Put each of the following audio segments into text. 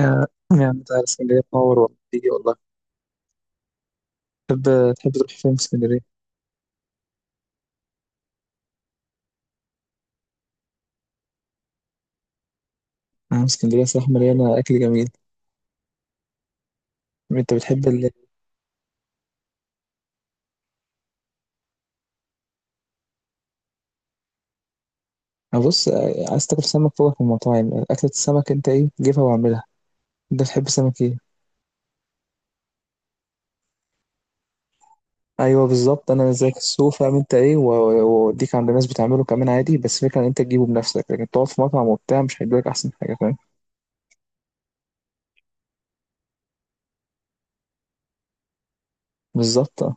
آه، يعني تعالى اسكندرية تنور والله تيجي والله تحب تحب تروح فين في اسكندرية؟ اسكندرية صراحة مليانة أكل جميل. أنت بتحب بص، عايز تاكل سمك؟ فوق في المطاعم أكلة السمك أنت إيه، جيبها واعملها. أنت بتحب السمك إيه؟ أيوه بالظبط، أنا زيك السوق فاهم أنت إيه وأوديك عند ناس بتعمله كمان عادي، بس فكرة إن أنت تجيبه بنفسك، لكن تقعد في مطعم وبتاع مش هيدولك أحسن حاجة، فاهم؟ بالظبط آه.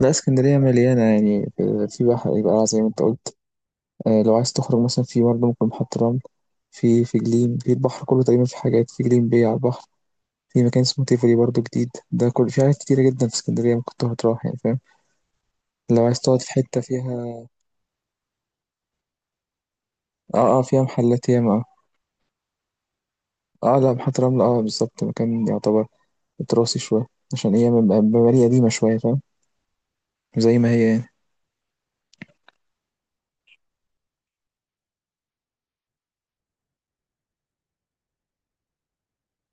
لا اسكندرية مليانة يعني، في بحر يبقى زي ما أنت قلت. لو عايز تخرج مثلا في برضه ممكن محطة رمل، في جليم، في البحر كله تقريبا، في حاجات في جليم بي على البحر. في مكان اسمه تيفولي برضه جديد ده، كل في حاجات كتيرة جدا في اسكندرية ممكن تروح يعني، فاهم؟ لو عايز تقعد في حتة فيها، اه فيها محلات ياما. اه لا، محطة رمل اه بالظبط مكان يعتبر تراثي شوية، عشان هي مباني قديمة شوية فاهم، زي ما هي يعني.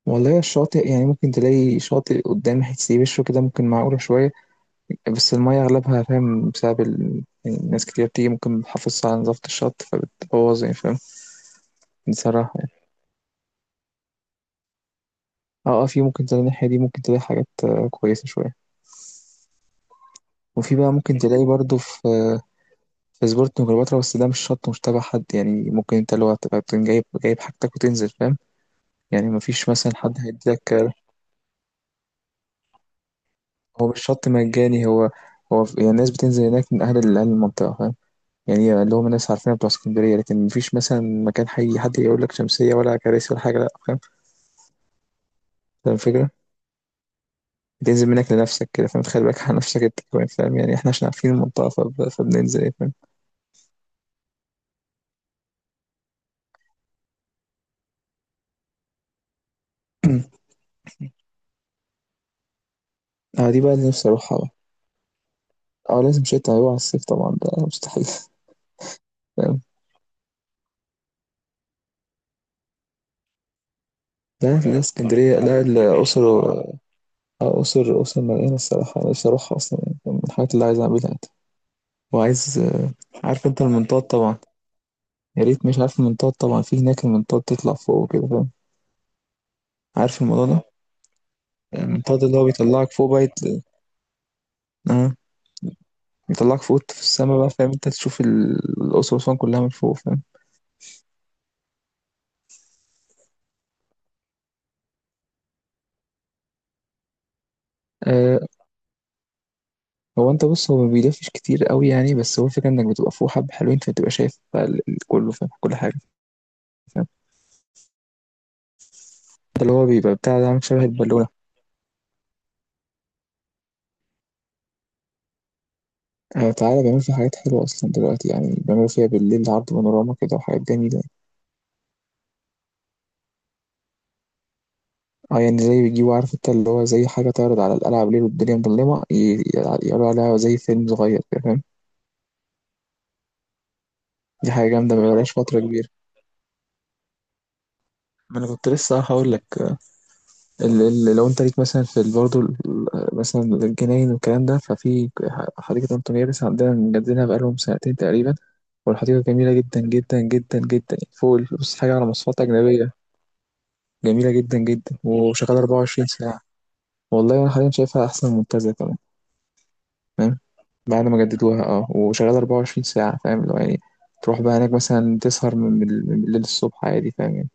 والله الشاطئ يعني ممكن تلاقي شاطئ قدام حتة بشر كده ممكن معقولة شوية، بس المية أغلبها فاهم، بسبب يعني ناس كتير بتيجي ممكن بتحافظ على نظافة الشط فبتبوظ، يعني فاهم. بصراحة يعني اه في ممكن تلاقي الناحية دي، ممكن تلاقي حاجات كويسة شوية. وفي بقى ممكن تلاقي برضو في، في سبورت وكليوباترا، بس ده مش شط مش تبع حد يعني، ممكن انت اللي هو تبقى تكون جايب حاجتك وتنزل، فاهم؟ يعني مفيش مثلا حد هيديلك هو مش شط مجاني، هو هو يعني الناس بتنزل هناك من أهل أهل المنطقة، فاهم؟ يعني اللي هم ناس عارفين بتوع اسكندرية، لكن مفيش مثلا مكان حي حد يقول لك شمسية ولا كراسي ولا حاجة، لا فاهم. فاهم الفكرة؟ بتنزل منك لنفسك كده فاهم، تخلي بالك على نفسك انت كمان فاهم، يعني احنا عشان عارفين المنطقة فبننزل ايه فاهم. اه دي بقى اللي نفسي اروحها بقى. اه لازم شتا، هيبقى على الصيف طبعا ده مستحيل. فاهم. لا اسكندرية، لا الأقصر. أقصر مليانة الصراحة، أنا نفسي أروحها أصلا يعني فاهم؟ من الحاجات اللي عايز أعملها يعني. وعايز. عارف انت المنطاد طبعا؟ يا ريت، مش عارف المنطاد طبعا؟ في هناك المنطاد، تطلع فوق وكده فاهم. عارف الموضوع ده؟ المنطاد اللي هو بيطلعك فوق بقى آه. يطلعك فوق في السما بقى فاهم، انت تشوف الأقصر وأسوان كلها من فوق، فاهم. آه. هو انت بص، هو ما بيلفش كتير قوي يعني، بس هو الفكرة انك بتبقى فوق حبة حلوين فبتبقى شايف بقى كله فاهم، كل حاجة فاهم. ده اللي هو بيبقى بتاع ده عامل شبه البالونة. آه تعالى بيعملوا فيها حاجات حلوة أصلا دلوقتي يعني، بيعملوا فيها بالليل عرض بانوراما كده وحاجات جميلة. اه يعني زي بيجيبوا، عارف انت اللي هو زي حاجة تعرض على القلعة بالليل والدنيا مظلمة يعرضوا عليها زي فيلم صغير كده، فاهم. دي حاجة جامدة، ما بقالهاش فترة كبيرة. ما انا كنت لسه هقول لك. ال لو انت ليك مثلا في برضه مثلا الجناين والكلام ده، ففي حديقة أنطونيادس عندنا مجددينها بقالهم سنتين تقريبا، والحديقة جميلة جدا جدا جدا جدا، فوق بص حاجة على مواصفات أجنبية. جميلة جدا جدا، وشغالة 24 ساعة. والله أنا حاليا شايفها أحسن من المنتزه كمان، فاهم. بعد ما جددوها اه، وشغالة 24 ساعة فاهم، لو يعني تروح بقى هناك مثلا تسهر من الليل الصبح عادي، فاهم يعني؟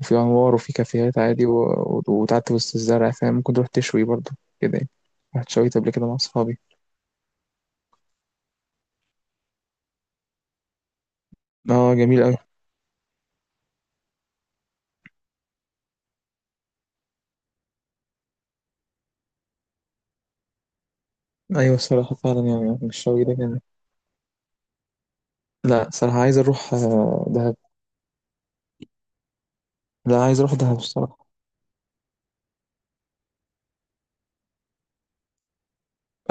وفي انوار وفي كافيهات عادي وتعدي وسط الزرع فاهم، ممكن تروح تشوي برضه كده يعني. رحت شويت قبل كده مع اصحابي، اه جميل اوي. ايوه الصراحه فعلا يعني الشوي ده جميل. لا صراحه عايز اروح دهب. لا عايز اروح دهب الصراحه.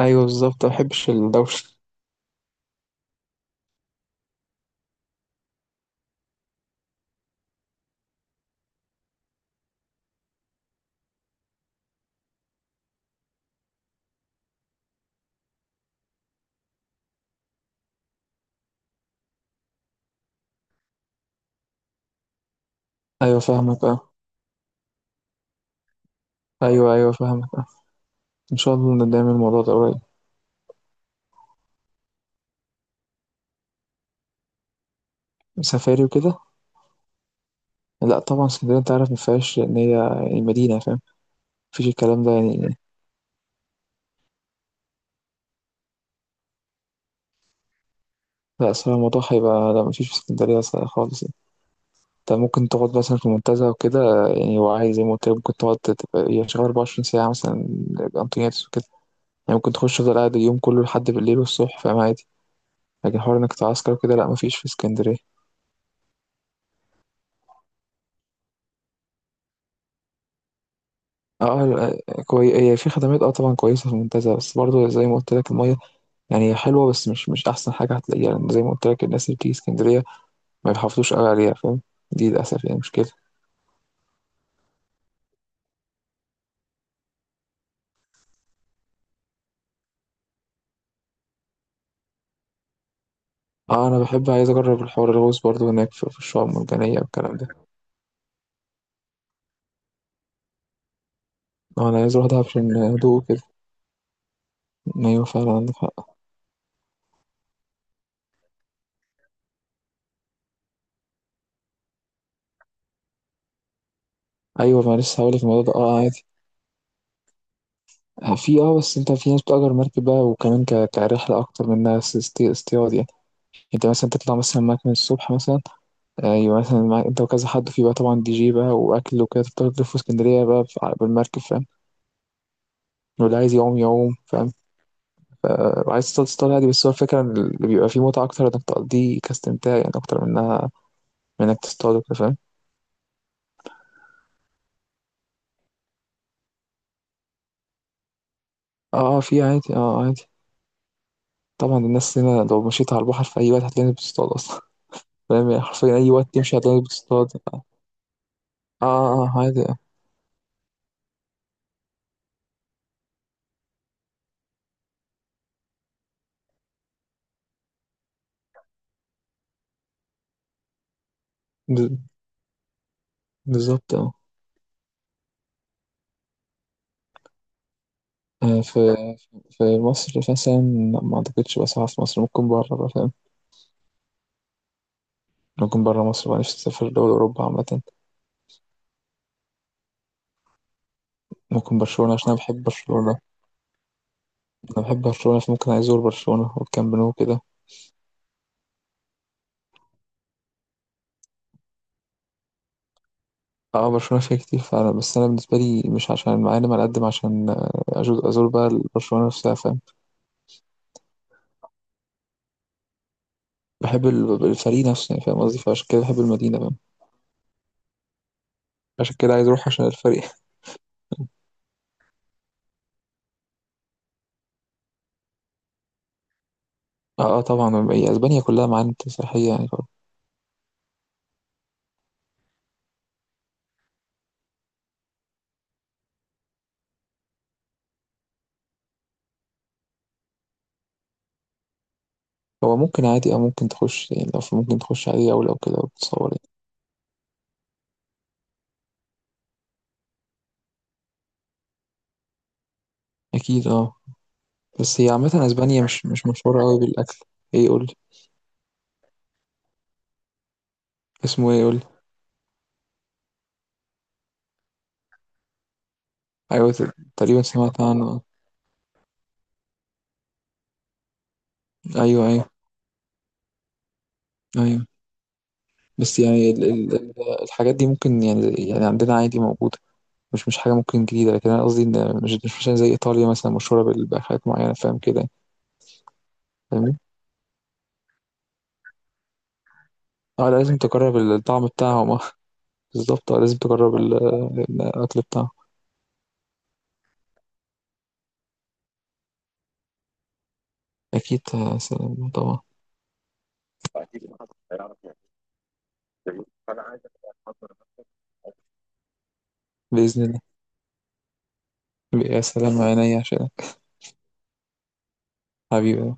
ايوه بالظبط، ما بحبش الدوشه. ايوه فاهمك اه. ايوه فاهمك اه. ان شاء الله نعمل الموضوع ده قريب. سفاري وكده. لا طبعا اسكندريه انت عارف ما فيهاش ان هي المدينه فاهم، مفيش الكلام ده يعني. لا صراحه الموضوع هيبقى لا، مفيش في اسكندريه خالص يعني. انت ممكن تقعد مثلا في المنتزه وكده يعني، وعايز زي ما قلت لك، ممكن تقعد تبقى هي شغاله 24 ساعه مثلا، انتونياتس وكده يعني، ممكن تخش تفضل قاعد اليوم كله لحد بالليل والصبح فاهم عادي. لكن حوار انك تعسكر وكده لا مفيش في اسكندريه. اه لا، كوي هي في خدمات اه طبعا كويسه في المنتزه، بس برضه زي ما قلت لك الميه يعني هي حلوه، بس مش احسن حاجه هتلاقيها، لان زي ما قلت لك الناس اللي بتيجي اسكندريه ما بيحافظوش قوي عليها فاهم، دي للاسف يعني مشكله. اه انا بحب، عايز اجرب الحوار الغوص برضه هناك، في الشعاب المرجانيه والكلام ده. اه انا عايز اروح دهب عشان هدوء. ايوه فعلا عندك حق. ايوه ما لسه هقول لك الموضوع ده اه عادي. في اه، بس انت في ناس بتأجر مركب بقى وكمان كرحله اكتر من انها اصطياد يعني. انت مثلا تطلع مثلا معاك من الصبح مثلا، ايوه مثلا معاك انت وكذا حد في بقى طبعا دي جي بقى واكل وكده، تفضل تلف في اسكندريه بقى بالمركب فاهم. واللي عايز يعوم يعوم فاهم. ف- وعايز تصطاد تصطاد عادي، بس هو الفكره إن اللي بيبقى فيه متعه اكتر انك تقضيه كاستمتاع يعني، اكتر منها من انك تصطاد وكده فاهم. اه في عادي اه عادي. طبعا الناس هنا لو مشيت على البحر في اي وقت هتلاقي الناس بتصطاد اصلا فاهم، يعني حرفيا أي وقت تمشي هتلاقيك بتصطاد. عادي آه. ب- بالظبط آه. آه، في في مصر مثلا، لا، ما أعتقدش بقى ساعة في مصر، ممكن بره بقى فاهم. ممكن بره مصر بقى، نفسي أسافر دول أوروبا عامة. ممكن برشلونة عشان أنا بحب برشلونة. أنا بحب برشلونة، فممكن عايز أزور برشلونة والكامب نو كده. اه برشلونة فيها كتير فعلا، بس أنا بالنسبة لي مش عشان معالم على قد ما عشان أزور بقى برشلونة نفسها فاهم. بحب الفريق نفسه يعني فاهم، قصدي، فعشان كده بحب المدينة فاهم. عشان كده عايز أروح عشان الفريق. طبعًا هي أسبانيا كلّها معالم سياحية يعني طبعًا. هو ممكن عادي، أو ممكن تخُش يعني، لو ف ممكن تخُش أي دولة وكده وتتصور يعني. أكيد آه. بس هي عامةً أسبانيا مش مشهورة أوي بالأكل. إيه قُل لي. اسمه إيه قُل لي؟ أيوه ت تقريبًا سمعت عنه أيوه، أيوه، أيوه. بس يعني ال الحاجات دي ممكن يعني يعني عندنا عادي موجودة، مش حاجة ممكن جديدة، لكن أنا قصدي إن مش مثلًا زي إيطاليا مثلًا مشهورة بال بحاجات معيّنة فاهم كده يعني. فاهمني؟ لازم تجرّب ال الطعم بتاعهم بالضبط لازم تجرّب ال الأكل بتاعهم. أكيد آه، سلام طبعا. بإذن الله يا سلام عينيا، عشان حبيبي.